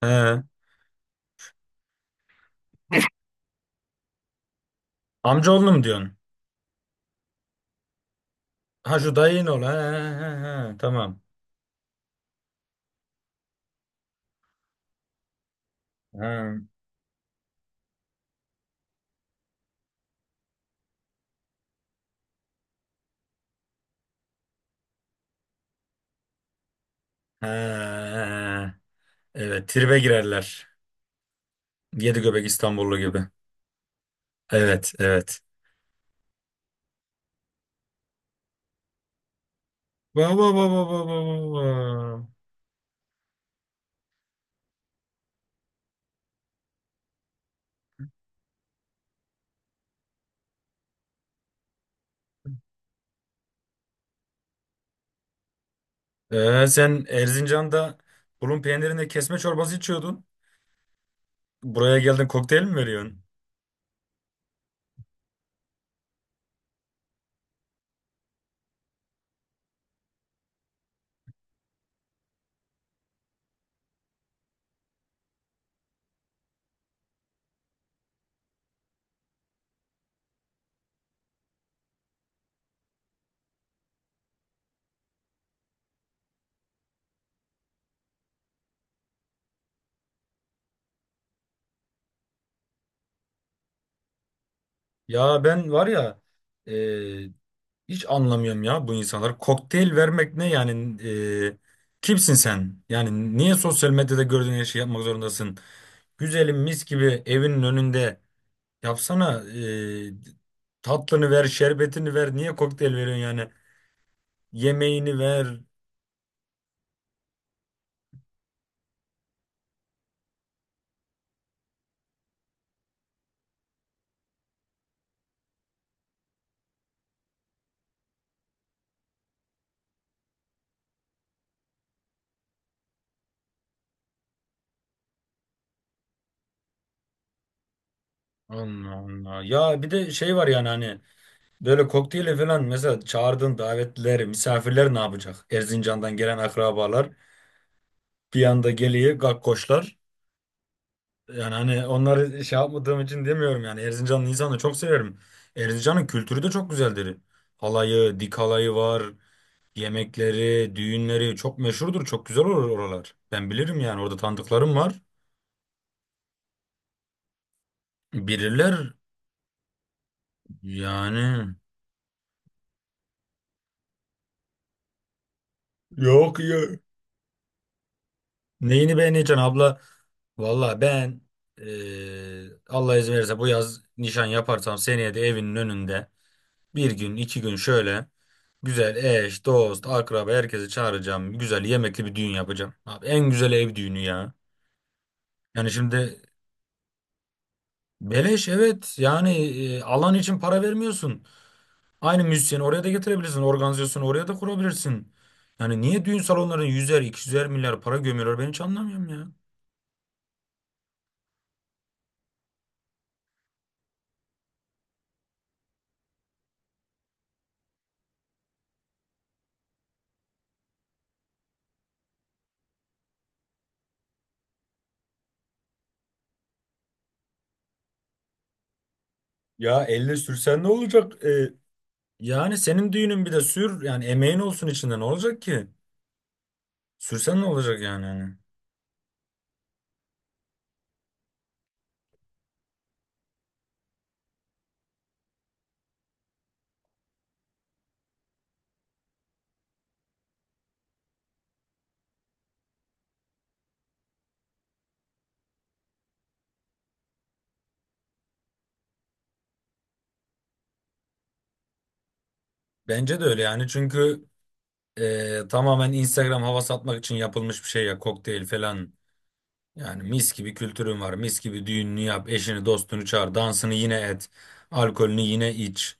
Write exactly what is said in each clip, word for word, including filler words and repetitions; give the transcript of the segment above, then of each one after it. He. Amcaoğlunu mu diyorsun? Ha şu dayın oğlu. He, he, he, he. Tamam. He. He. Evet, tribe girerler. Yedi göbek İstanbullu gibi. Evet, evet. Baba baba baba baba. Ee, sen Erzincan'da bulun peynirinde kesme çorbası içiyordun. Buraya geldin, kokteyl mi veriyorsun? Ya ben var ya, e, Hiç anlamıyorum ya bu insanlar. Kokteyl vermek ne yani? Eee, kimsin sen? Yani niye sosyal medyada gördüğün her şeyi yapmak zorundasın? Güzelim, mis gibi evinin önünde yapsana. eee, tatlını ver, şerbetini ver. Niye kokteyl veriyorsun yani? Yemeğini ver. Allah Allah. Ya bir de şey var yani, hani böyle kokteyle falan, mesela çağırdığın davetliler, misafirler ne yapacak? Erzincan'dan gelen akrabalar bir anda geliyor, gakkoşlar. Yani hani onları şey yapmadığım için demiyorum, yani Erzincanlı insanı çok severim. Erzincan'ın kültürü de çok güzeldir. Halayı, dik halayı var, yemekleri, düğünleri çok meşhurdur, çok güzel olur oralar. Ben bilirim yani, orada tanıdıklarım var. Bilirler yani. Yok ya. Neyini beğeneceksin abla? Valla ben, eee, Allah izin verirse bu yaz nişan yaparsam, seneye de evinin önünde bir gün iki gün şöyle güzel, eş, dost, akraba herkesi çağıracağım. Güzel yemekli bir düğün yapacağım. Abi, en güzel ev düğünü ya. Yani şimdi beleş, evet yani e, alan için para vermiyorsun. Aynı müzisyeni oraya da getirebilirsin. Organizasyonu oraya da kurabilirsin. Yani niye düğün salonlarına yüzer, iki 200'er milyar para gömüyorlar ben hiç anlamıyorum ya. Ya elle sürsen ne olacak? Ee, Yani senin düğünün, bir de sür yani, emeğin olsun içinde, ne olacak ki? Sürsen ne olacak yani? Hani? Bence de öyle yani, çünkü Ee, tamamen Instagram hava satmak için yapılmış bir şey ya kokteyl falan. Yani mis gibi kültürün var. Mis gibi düğününü yap. Eşini dostunu çağır. Dansını yine et. Alkolünü yine iç.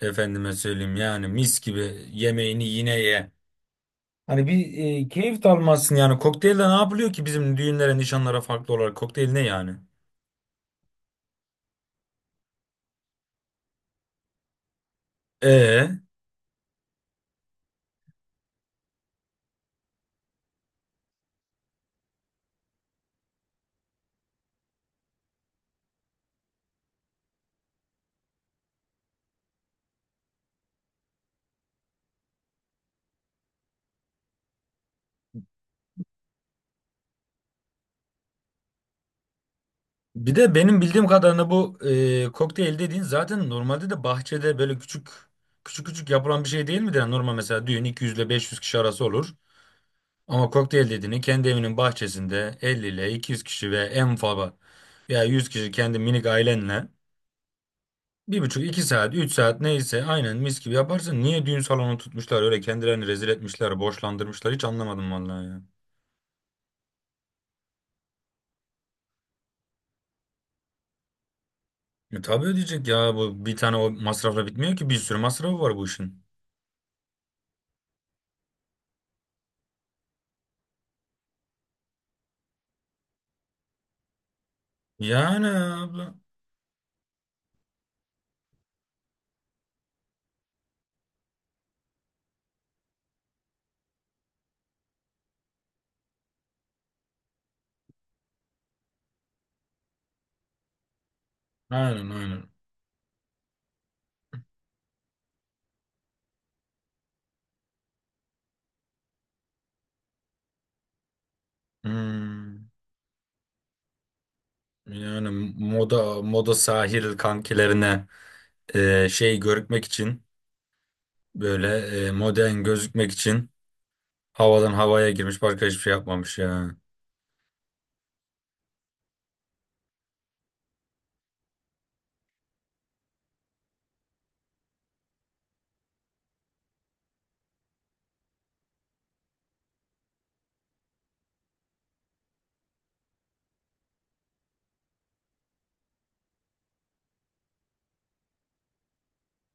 Efendime söyleyeyim, yani mis gibi yemeğini yine ye. Hani bir e, keyif de almazsın yani. Kokteylde ne yapılıyor ki bizim düğünlere, nişanlara farklı olarak? Kokteyl ne yani? E Bir de benim bildiğim kadarıyla bu e, kokteyl dediğin zaten normalde de bahçede böyle küçük küçük küçük yapılan bir şey değil midir? Yani normal mesela düğün iki yüz ile beş yüz kişi arası olur. Ama kokteyl dediğini kendi evinin bahçesinde elli ile iki yüz kişi, ve en fazla ya yüz kişi kendi minik ailenle bir buçuk, iki saat, üç saat, neyse aynen mis gibi yaparsın. Niye düğün salonu tutmuşlar, öyle kendilerini rezil etmişler, boşlandırmışlar, hiç anlamadım vallahi ya. E, tabii ödeyecek ya, bu bir tane o masrafla bitmiyor ki, bir sürü masrafı var bu işin. Yani abla. Aynen, aynen. Hmm, yani moda moda sahil kankilerine e, şey görükmek için, böyle e, modern gözükmek için havadan havaya girmiş, başka hiçbir şey yapmamış ya.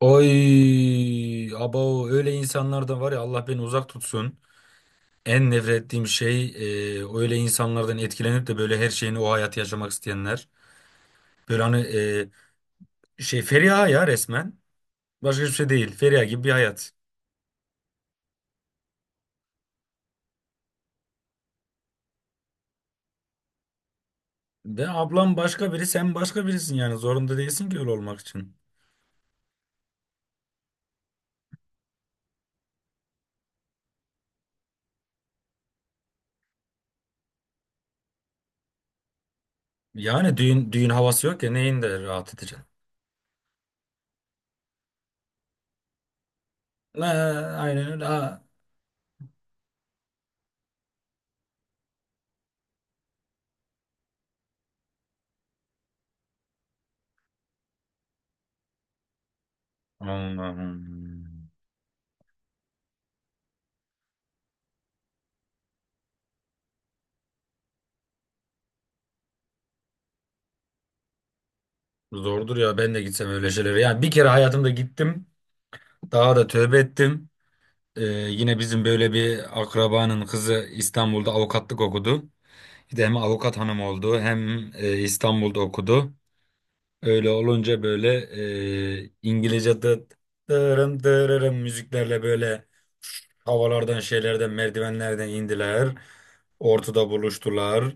Oy abo, öyle insanlardan var ya, Allah beni uzak tutsun. En nefret ettiğim şey e, öyle insanlardan etkilenip de böyle her şeyini, o hayatı yaşamak isteyenler. Böyle hani e, şey, Feriha ya resmen. Başka hiçbir şey değil. Feriha gibi bir hayat. Ve ablam başka biri, sen başka birisin yani. Zorunda değilsin ki öyle olmak için. Yani düğün düğün havası yok ya, neyin de rahat edeceksin. Ha, aynen öyle. Ha. Allah'ım. Zordur ya, ben de gitsem öyle şeylere. Yani bir kere hayatımda gittim. Daha da tövbe ettim. Ee, yine bizim böyle bir akrabanın kızı İstanbul'da avukatlık okudu. Bir de hem avukat hanım oldu, hem e, İstanbul'da okudu. Öyle olunca böyle e, İngilizce dı, dırın müziklerle böyle havalardan, şeylerden, merdivenlerden indiler. Ortada buluştular.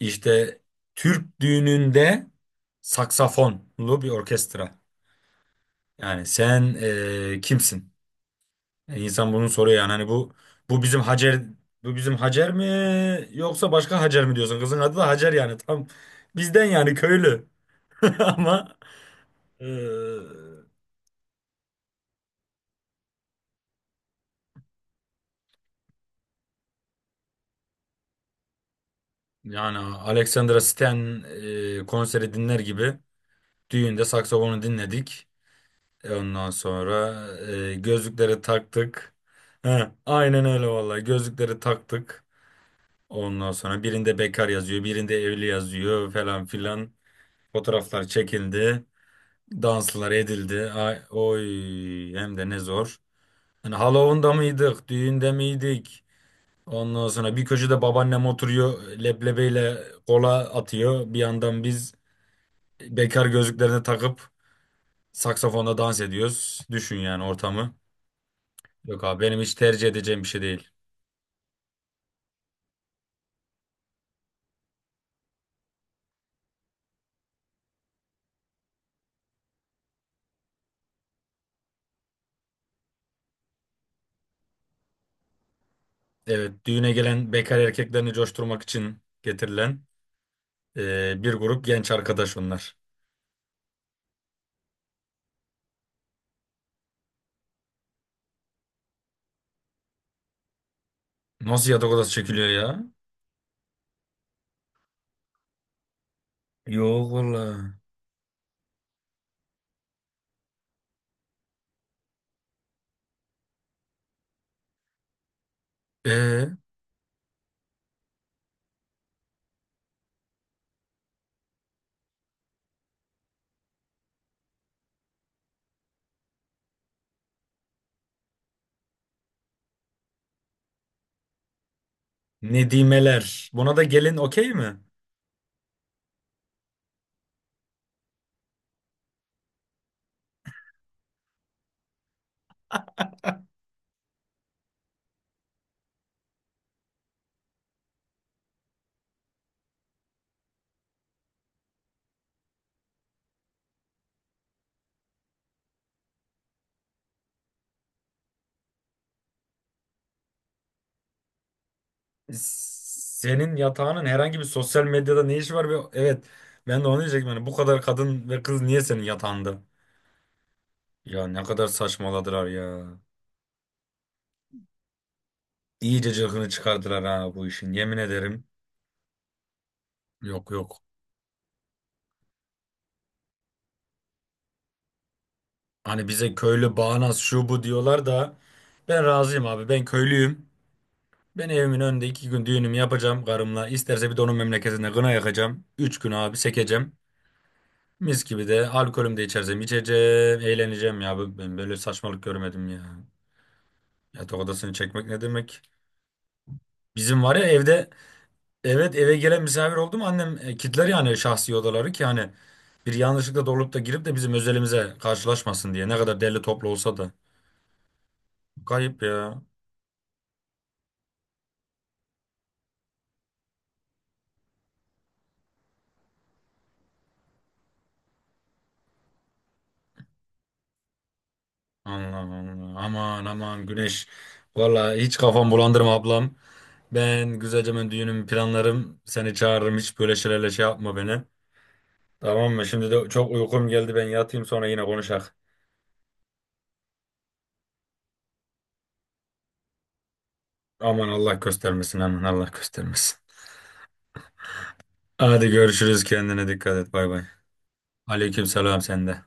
İşte Türk düğününde saksafonlu bir orkestra. Yani sen e, kimsin? E, İnsan bunu soruyor yani, hani bu bu bizim Hacer, bu bizim Hacer mi yoksa başka Hacer mi diyorsun? Kızın adı da Hacer, yani tam bizden yani, köylü. Ama e, Yani Alexandra Stan e, konseri dinler gibi düğünde saksafonu dinledik. E, ondan sonra e, gözlükleri taktık. He, aynen öyle vallahi, gözlükleri taktık. Ondan sonra birinde bekar yazıyor, birinde evli yazıyor falan filan. Fotoğraflar çekildi, danslar edildi. Ay, oy, hem de ne zor. Hani Halloween'da mıydık, düğünde miydik? Ondan sonra bir köşede babaannem oturuyor, leblebiyle kola atıyor. Bir yandan biz bekar gözlüklerini takıp saksafonla dans ediyoruz. Düşün yani ortamı. Yok abi, benim hiç tercih edeceğim bir şey değil. Evet, düğüne gelen bekar erkeklerini coşturmak için getirilen e, bir grup genç arkadaş onlar. Nasıl yatak odası çekiliyor ya? Yok valla. Ee, nedimeler. Buna da gelin okey mi? Senin yatağının herhangi bir sosyal medyada ne işi var? Be? Evet. Ben de onu diyecektim. Yani bu kadar kadın ve kız niye senin yatağında? Ya ne kadar saçmaladılar ya. İyice cılkını çıkardılar ha bu işin. Yemin ederim. Yok, yok. Hani bize köylü, bağnaz, şu bu diyorlar da, ben razıyım abi. Ben köylüyüm. Ben evimin önünde iki gün düğünümü yapacağım karımla. İsterse bir de onun memleketinde kına yakacağım. Üç gün abi sekeceğim. Mis gibi de alkolüm de içersem içeceğim. Eğleneceğim ya. Ben böyle saçmalık görmedim ya. Yatak odasını çekmek ne demek? Bizim var ya evde. Evet, eve gelen misafir oldu mu annem e, kilitler yani şahsi odaları, ki hani bir yanlışlıkla dolup da girip de bizim özelimize karşılaşmasın diye. Ne kadar derli toplu olsa da. Kayıp ya. Allah Allah. Aman aman Güneş. Vallahi hiç kafam bulandırma ablam. Ben güzelce ben düğünümü planlarım. Seni çağırırım, hiç böyle şeylerle şey yapma beni. Tamam mı? Şimdi de çok uykum geldi, ben yatayım, sonra yine konuşak. Aman Allah göstermesin, aman Allah göstermesin. Hadi görüşürüz, kendine dikkat et, bay bay. Aleyküm selam sende.